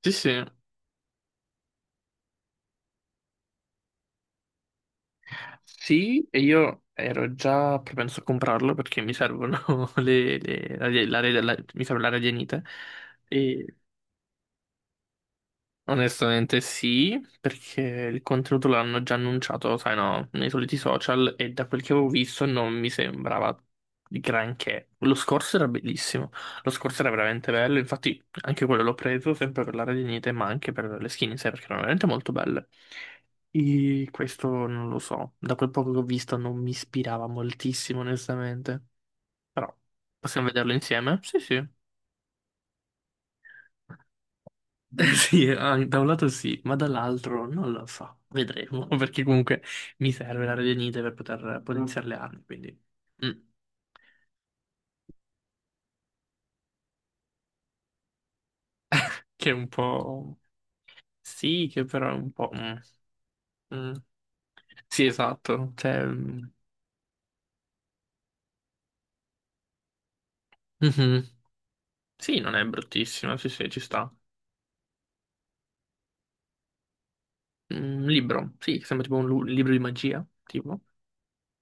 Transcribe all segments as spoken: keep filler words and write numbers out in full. Sì, sì. Sì, e io ero già propenso a comprarlo perché mi servono le, le- la, la- la- mi serve la radianite. Onestamente sì, perché il contenuto l'hanno già annunciato, sai no, nei soliti social e da quel che avevo visto non mi sembrava di granché. Lo scorso era bellissimo, lo scorso era veramente bello, infatti anche quello l'ho preso sempre per l'area di Nite, ma anche per le skin in sé, perché erano veramente molto belle. E questo non lo so, da quel poco che ho visto non mi ispirava moltissimo, onestamente. Però possiamo vederlo insieme? Sì, sì. Sì, ah, da un lato sì, ma dall'altro non lo so, vedremo, perché comunque mi serve la radionite per poter potenziare le armi, quindi... mm. Che è un po'... Sì, che però è un po'... mm, mm. Sì, esatto, cioè... mm, mhm. Sì, non è bruttissima, sì, sì, ci sta. Mm, un libro, sì, sembra tipo un lu- libro di magia, tipo.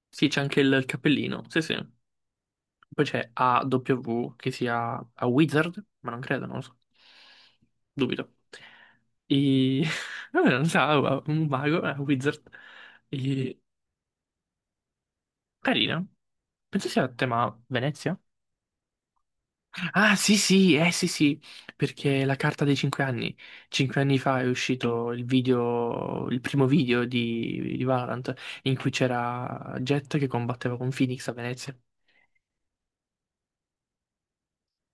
Sì, c'è anche il cappellino, sì, sì. Poi c'è A W che sia a Wizard, ma non credo, non lo so. Dubito. E... Vabbè, non so, a- un mago, a Wizard. E... Carina. Penso sia a tema Venezia. Ah, sì, sì, eh, sì, sì, perché la carta dei cinque anni. Cinque anni fa è uscito il video, il primo video di, di Valorant, in cui c'era Jet che combatteva con Phoenix a Venezia.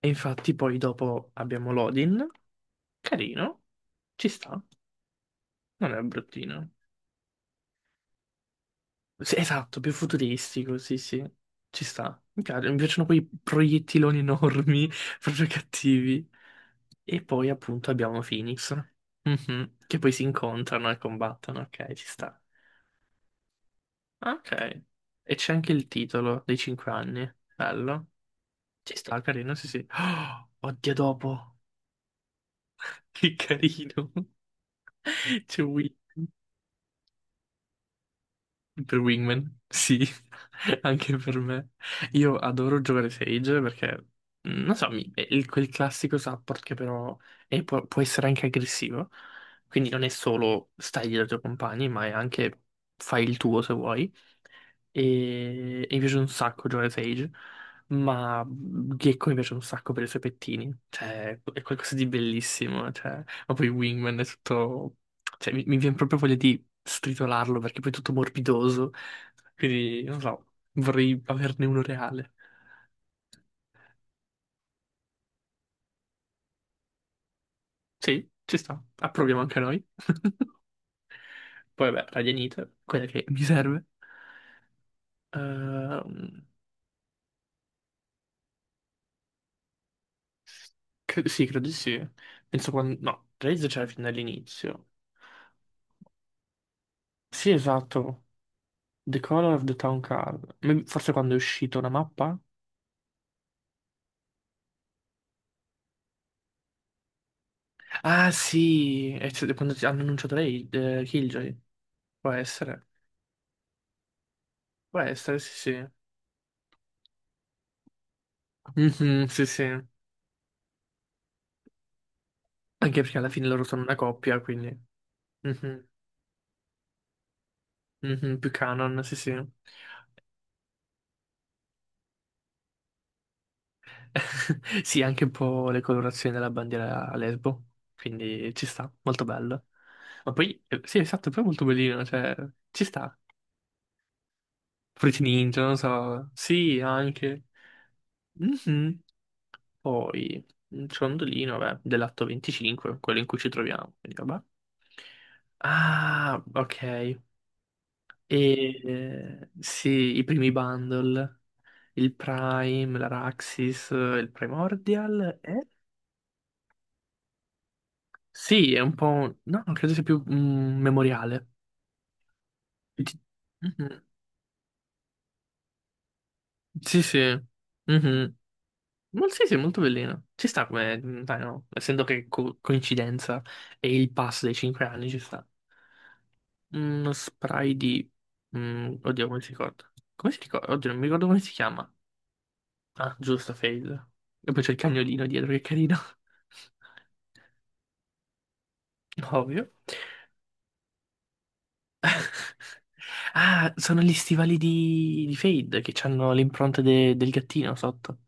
E infatti poi dopo abbiamo Lodin. Carino, ci sta, non è bruttino. Sì, esatto, più futuristico, sì, sì, ci sta. Mi piace- mi piacciono quei proiettiloni enormi, proprio cattivi. E poi appunto abbiamo Phoenix, mhm, che poi si incontrano e combattono, ok, ci sta. Ok, e c'è anche il titolo dei cinque anni, bello. Ci sta, carino, sì, sì. Oh, oddio, dopo, che carino. C'è Will. Per Wingman, sì, anche per me. Io adoro giocare Sage perché, mm, non so, mi- è il- quel classico support che però è- può, può essere anche aggressivo. Quindi non è solo stai dietro ai tuoi compagni, ma è anche fai il tuo se vuoi e, e mi piace un sacco Joe Sage, ma Gecko mi piace un sacco per i suoi pettini, cioè è qualcosa di bellissimo, cioè, ma poi Wingman è tutto, cioè mi, mi viene proprio voglia di stritolarlo perché poi è tutto morbidoso, quindi non so, vorrei averne uno reale. Sì, ci sta, approviamo anche noi. Poi vabbè, Radianite, quella che mi serve. Ehm, cre- sì, credo di sì. Penso quando... No, Raze c'era fin dall'inizio. Sì, esatto. The Color of the Town Card. Mi- Forse quando è uscita una mappa? Ah sì, è stato quando ti- hanno annunciato lei, eh, Killjoy. Può essere. Può essere, sì sì. Mhm, sì sì. Anche perché alla fine loro sono una coppia, quindi... Mhm, mhm, più canon, sì sì. Sì, anche un po' le colorazioni della bandiera a lesbo. Quindi ci sta, molto bello. Ma poi, eh, sì, esatto, poi è molto bellino, cioè, ci sta. Fruity Ninja, non so. Sì, anche. Mhm. Poi un ciondolino, vabbè, dell'atto venticinque, quello in cui ci troviamo. Quindi, vabbè. Ah, ok. E eh, sì, i primi bundle, il Prime, l'Araxis, il Primordial e... Sì, è un po'... un- no, non credo sia più un memoriale. Ti- Mhm. Sì, sì. Mhm. Ma sì, sì, è molto bellino. Ci sta come... Dai, no? Essendo che co- coincidenza e il pass dei cinque anni ci sta. Uno spray di... mm, oddio, come si ricorda? Come si ricorda? Oddio, non mi ricordo come si chiama. Ah, giusto, Fade. E poi c'è il cagnolino dietro, che carino. Ovvio. Ah, sono gli stivali di, di Fade che hanno l'impronta de- del gattino sotto.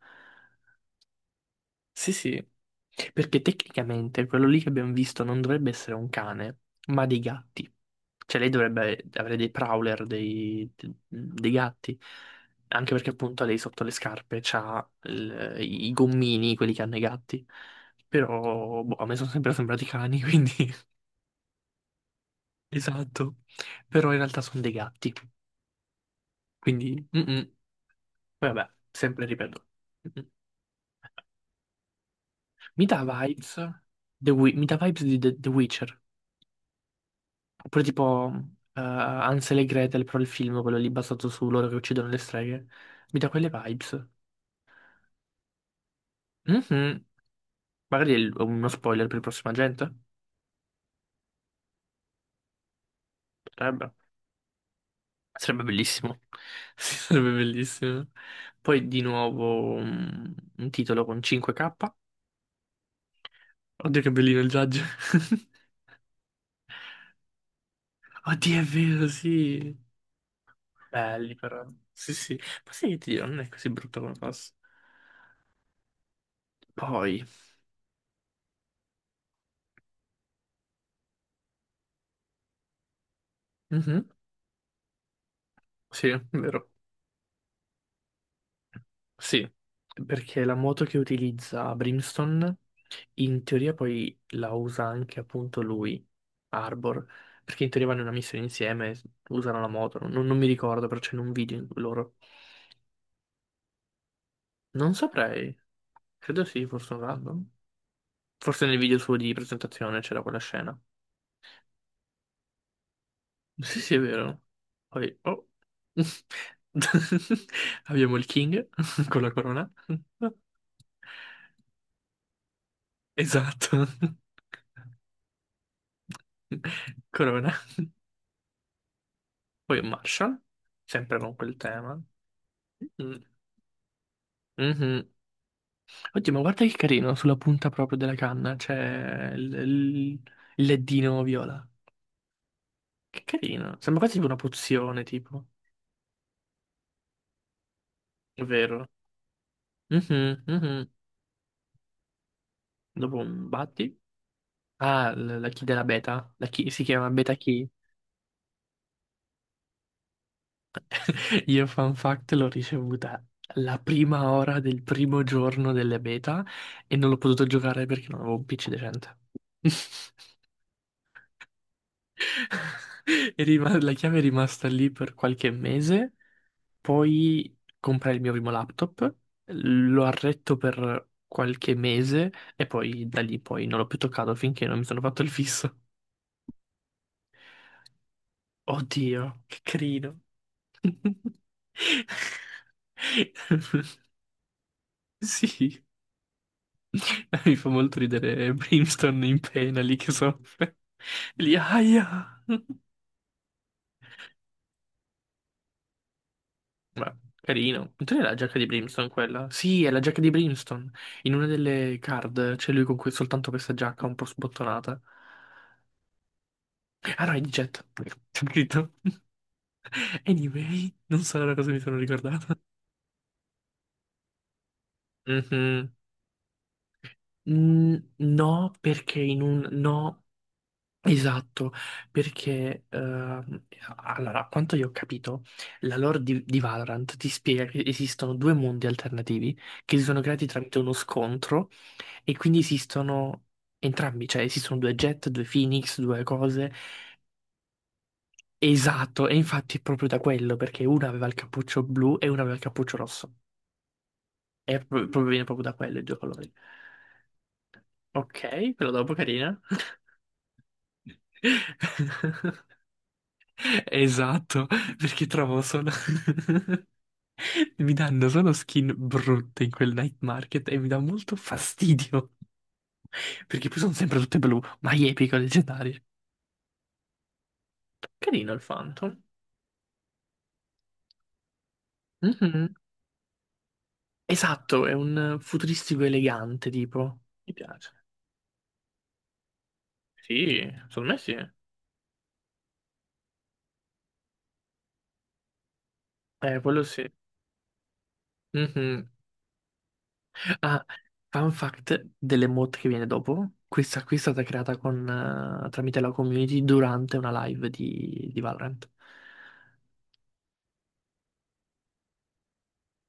Sì, sì, perché tecnicamente quello lì che abbiamo visto non dovrebbe essere un cane, ma dei gatti. Cioè lei dovrebbe avere dei prowler, dei, dei gatti, anche perché appunto lei sotto le scarpe c'ha il- i gommini, quelli che hanno i gatti. Però, boh, a me sono sempre sembrati cani, quindi... Esatto. Però in realtà sono dei gatti, quindi... mm, mm. Vabbè, sempre ripeto. Mm, mm. Mi dà vibes... The Wi- mi dà vibes di The The Witcher. Oppure tipo eh, Hansel e Gretel, però il film, quello lì basato su loro che uccidono le streghe. Mi dà quelle vibes. Mhm. Magari è il- uno spoiler per il prossimo agente? Potrebbe. Sarebbe bellissimo. Sì, sarebbe bellissimo. Poi di nuovo mm, un titolo con cinque K. Oddio che bellino il judge. Oddio è vero, sì. Belli però. Sì, sì. Ma sai che ti dirò, non è così brutto come passa. Poi. Mhm. Sì, è vero. Sì, perché la moto che utilizza Brimstone in teoria poi la usa anche appunto lui, Arbor, perché in teoria vanno in una missione insieme, usano la moto, non, non mi ricordo, però c'è in un video in- loro. Non saprei, credo sì, forse un random. Forse nel video suo di presentazione c'era quella scena. Sì, sì, è vero. Poi, oh. Abbiamo il King con la corona. Esatto. Corona. Poi un Marshall, sempre con quel tema. Mm. Mhm. Oddio, ma guarda che carino, sulla punta proprio della canna c'è il, il- il leddino viola. Che carino, sembra quasi tipo una pozione, tipo. È vero. Mhm, mhm. Dopo un batti. Ah, l- la key della beta. La key si chiama beta key. Io, fun fact, l'ho ricevuta la prima ora del primo giorno delle beta e non l'ho potuto giocare perché non avevo un P C decente. È rima- la chiave è rimasta lì per qualche mese, poi comprai il mio primo laptop, lo arretto per qualche mese e poi da lì poi non l'ho più toccato finché non mi sono fatto il fisso. Oddio, che carino. Sì, mi fa molto ridere Brimstone in pena lì che soffre. Lì, aia. Beh, carino. Non era la giacca di Brimstone quella? Sì, è la giacca di Brimstone. In una delle card c'è lui con que- soltanto questa giacca un po' sbottonata. Ah no, è di Jet. C'è scritto. Anyway, non so da cosa mi sono ricordato. Mhm. Mm, no, perché in un... No, esatto, perché... ehm, allora, a quanto io ho capito, la lore di, di Valorant ti spiega che esistono due mondi alternativi che si sono creati tramite uno scontro. E quindi esistono entrambi, cioè esistono due Jet, due Phoenix, due cose. Esatto, e infatti è proprio da quello, perché una aveva il cappuccio blu e una aveva il cappuccio rosso. E pro- proprio, viene proprio da quello i due colori. Ok, però dopo carina. Esatto, perché trovo solo... mi danno solo skin brutte in quel night market e mi dà molto fastidio. Perché poi sono sempre tutte blu, ma epico, leggendarie. Carino il Phantom. Mhm. Esatto, è un futuristico elegante, tipo. Mi piace. Sì, secondo me sì. Eh, quello sì. Mhm. Ah, fun fact dell'emote che viene dopo. Questa qui è stata creata con, eh, tramite la community durante una live di, di Valorant.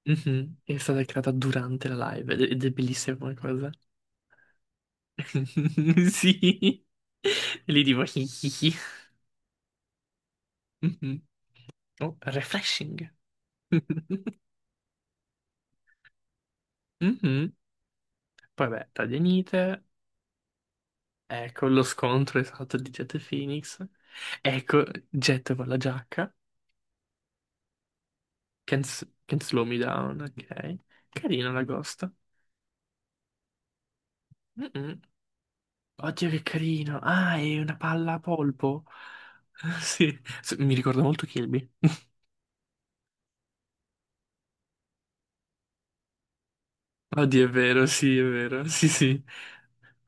Mhm. È stata creata durante la live ed ed è bellissima come cosa. Sì. E lì tipo... Mhm. Oh, refreshing. Mhm. Poi vabbè, tadianite. Ecco lo scontro esatto di Jet e Phoenix. Ecco Jet con la giacca. Can't, s- can't slow me down, ok. Carino l'agosto. Mm-mm. Oddio che carino. Ah, è una palla a polpo. Sì, S- mi ricorda molto Kirby. Oddio, è vero, sì, è vero. Sì, sì.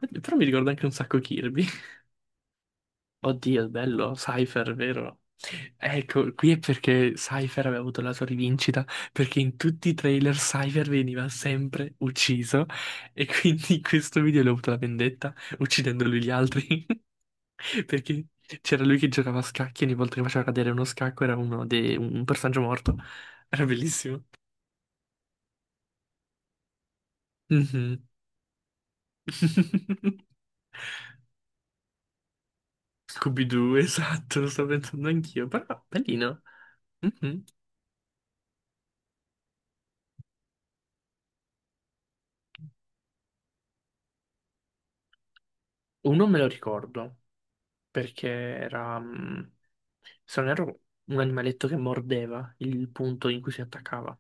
Oddio, però mi ricorda anche un sacco Kirby. Oddio, bello, Cypher, vero? Ecco, qui è perché Cypher aveva avuto la sua rivincita, perché in tutti i trailer Cypher veniva sempre ucciso e quindi in questo video lui ha avuto la vendetta uccidendo lui gli altri, perché c'era lui che giocava a scacchi e ogni volta che faceva cadere uno scacco era uno de- un personaggio morto. Era bellissimo. Mhm. Scooby-Doo, esatto, lo sto pensando anch'io, però bellino. Mhm. Uno me lo ricordo. Perché era, mh, se non erro, un animaletto che mordeva il punto in cui si attaccava.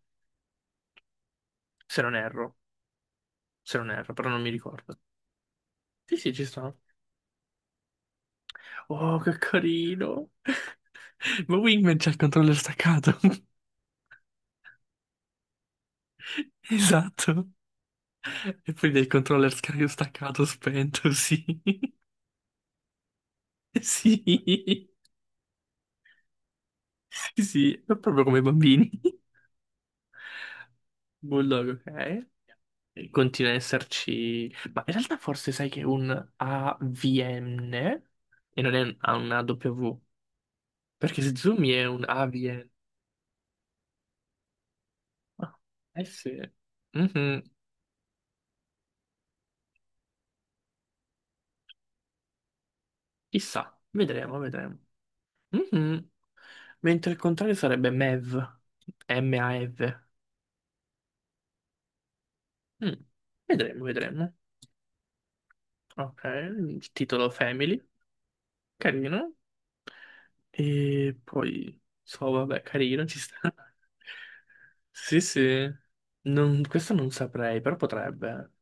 Se non erro, se non erro, però non mi ricordo. Sì, sì, ci sta. Oh, che carino! Ma Wingman c'ha il controller staccato. Esatto. E poi del controller sca- staccato, spento, sì. Sì, sì, è proprio come i bambini. Bulldog, ok. Continua ad esserci, ma in realtà forse sai che è un A V N e non è un- ha una W, perché se zoomi è un A V N. Ah, eh sì, mhm. Chissà, vedremo, vedremo. Mhm. Mentre il contrario sarebbe M E V, M-A-V. Mm. Vedremo, vedremo. Ok, il titolo Family, carino. E poi, so, vabbè, carino, ci sta. Sì, sì. Non- questo non saprei, però potrebbe.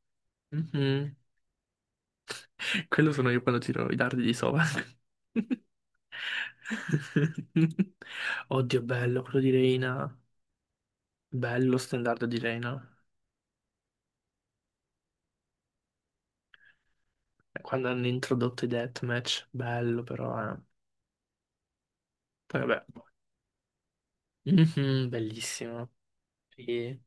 Mhm. Quello sono io quando tiro i dardi di sova. Oddio, bello quello di Reina. Bello standard di Reina. Quando hanno introdotto i deathmatch, bello però. Eh. Poi vabbè. Mhm, bellissimo. Sì.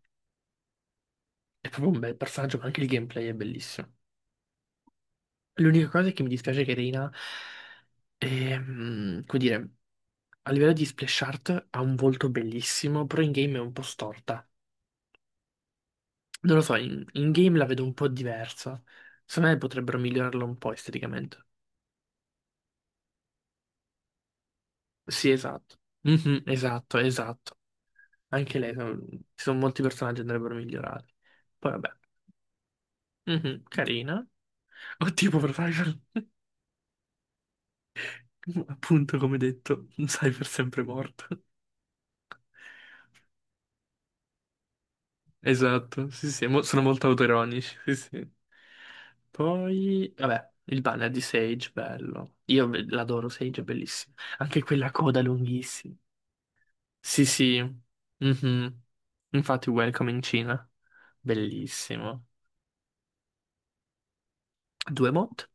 È proprio un bel personaggio, ma anche il gameplay è bellissimo. L'unica cosa è che mi dispiace che Reina e, mm, come dire, a livello di splash art ha un volto bellissimo, però in game è un po' storta. Non lo so, in, in game la vedo un po' diversa. Secondo me potrebbero migliorarla un po' esteticamente. Sì, esatto. Mhm, esatto, esatto. Anche lei, sono- ci sono molti personaggi che andrebbero migliorati. Poi vabbè, mhm, carina. O tipo per Cyber, appunto come detto, Cyber sempre morto. Esatto, sì, sì, mo- sono molto autoironici, sì, sì. Poi, vabbè, il banner di Sage, bello. Io ve- l'adoro, Sage è bellissimo. Anche quella coda lunghissima. Sì, sì. Mhm. Infatti, Welcome in Cina. Bellissimo. Due mod?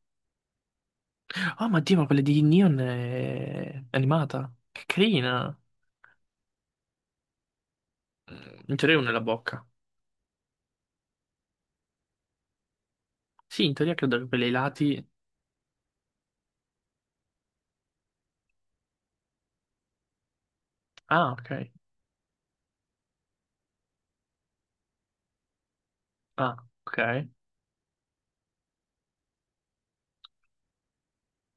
Oh, ma Dio, ma quella di Neon è animata. Che carina. Mm, in teoria una nella bocca. Sì, in teoria credo che per i lati... Ah, ok. Ah, ok.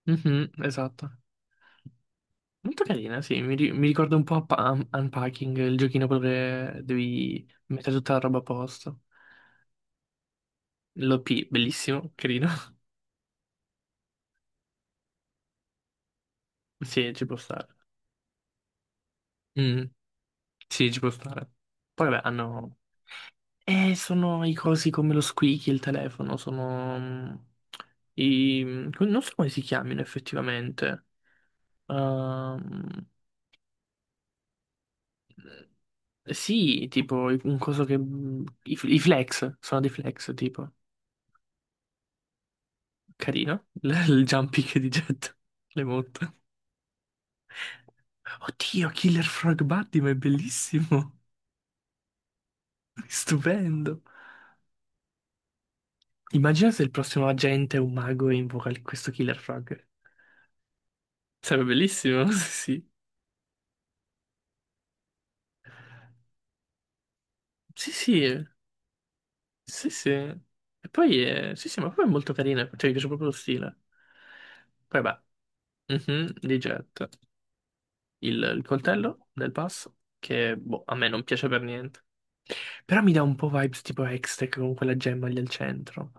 Mhm, esatto. Molto carina, sì, mi, ri- mi ricorda un po' Up- Un- Unpacking, il giochino quello che devi mettere tutta la roba a posto. L'O P, bellissimo, carino. Sì, ci può stare. Mm, sì, ci può stare. Poi vabbè, hanno... Eh, sono i cosi come lo squeaky, il telefono, sono... mm, I... non so come si chiamino effettivamente. Ehm, Sì, tipo un coso che... mm, I, i flex, sono dei flex, tipo. Carino. L- il jumping di Jet. Le monta. Oddio, Killer Frog Buddy, ma è bellissimo. Stupendo. Immagina se il prossimo agente è un mago e invoca il- questo Killer Frog. Sarebbe bellissimo, sì, sì. Sì, sì, sì, sì. E poi, eh, sì, sì, ma poi è molto carino, cioè mi piace proprio lo stile. Poi, beh, mhm, di Jet. il, il coltello del pass, che boh, a me non piace per niente. Però mi dà un po' vibes tipo Hextech con quella gemma lì al centro.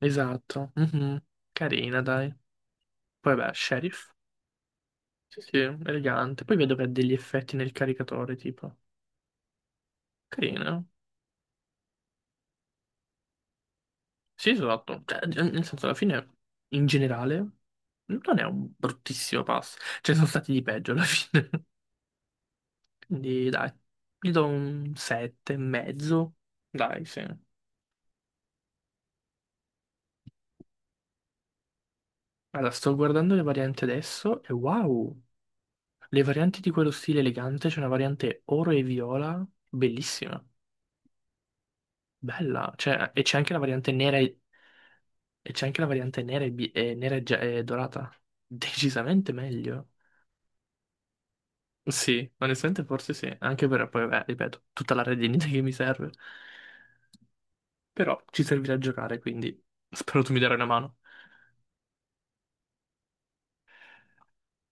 Esatto. Mhm. Carina, dai. Poi vabbè, Sheriff. Sì, sì, elegante. Poi vedo che ha degli effetti nel caricatore, tipo. Carina. Sì, esatto. Cioè, nel senso, alla fine, in generale, non è un bruttissimo pass. Ce ne sono stati di peggio alla fine. Quindi, dai, gli do un sette e mezzo. Dai, sì. Allora, sto guardando le varianti adesso e wow, le varianti di quello stile elegante, c'è una variante oro e viola, bellissima, bella, cioè, e c'è anche la variante nera e, e c'è anche la variante nera e, bi- e nera e gia- e dorata, decisamente meglio. Sì, onestamente forse sì, anche per poi, vabbè, ripeto, tutta la redinita che mi serve, però ci servirà a giocare, quindi spero tu mi darai una mano.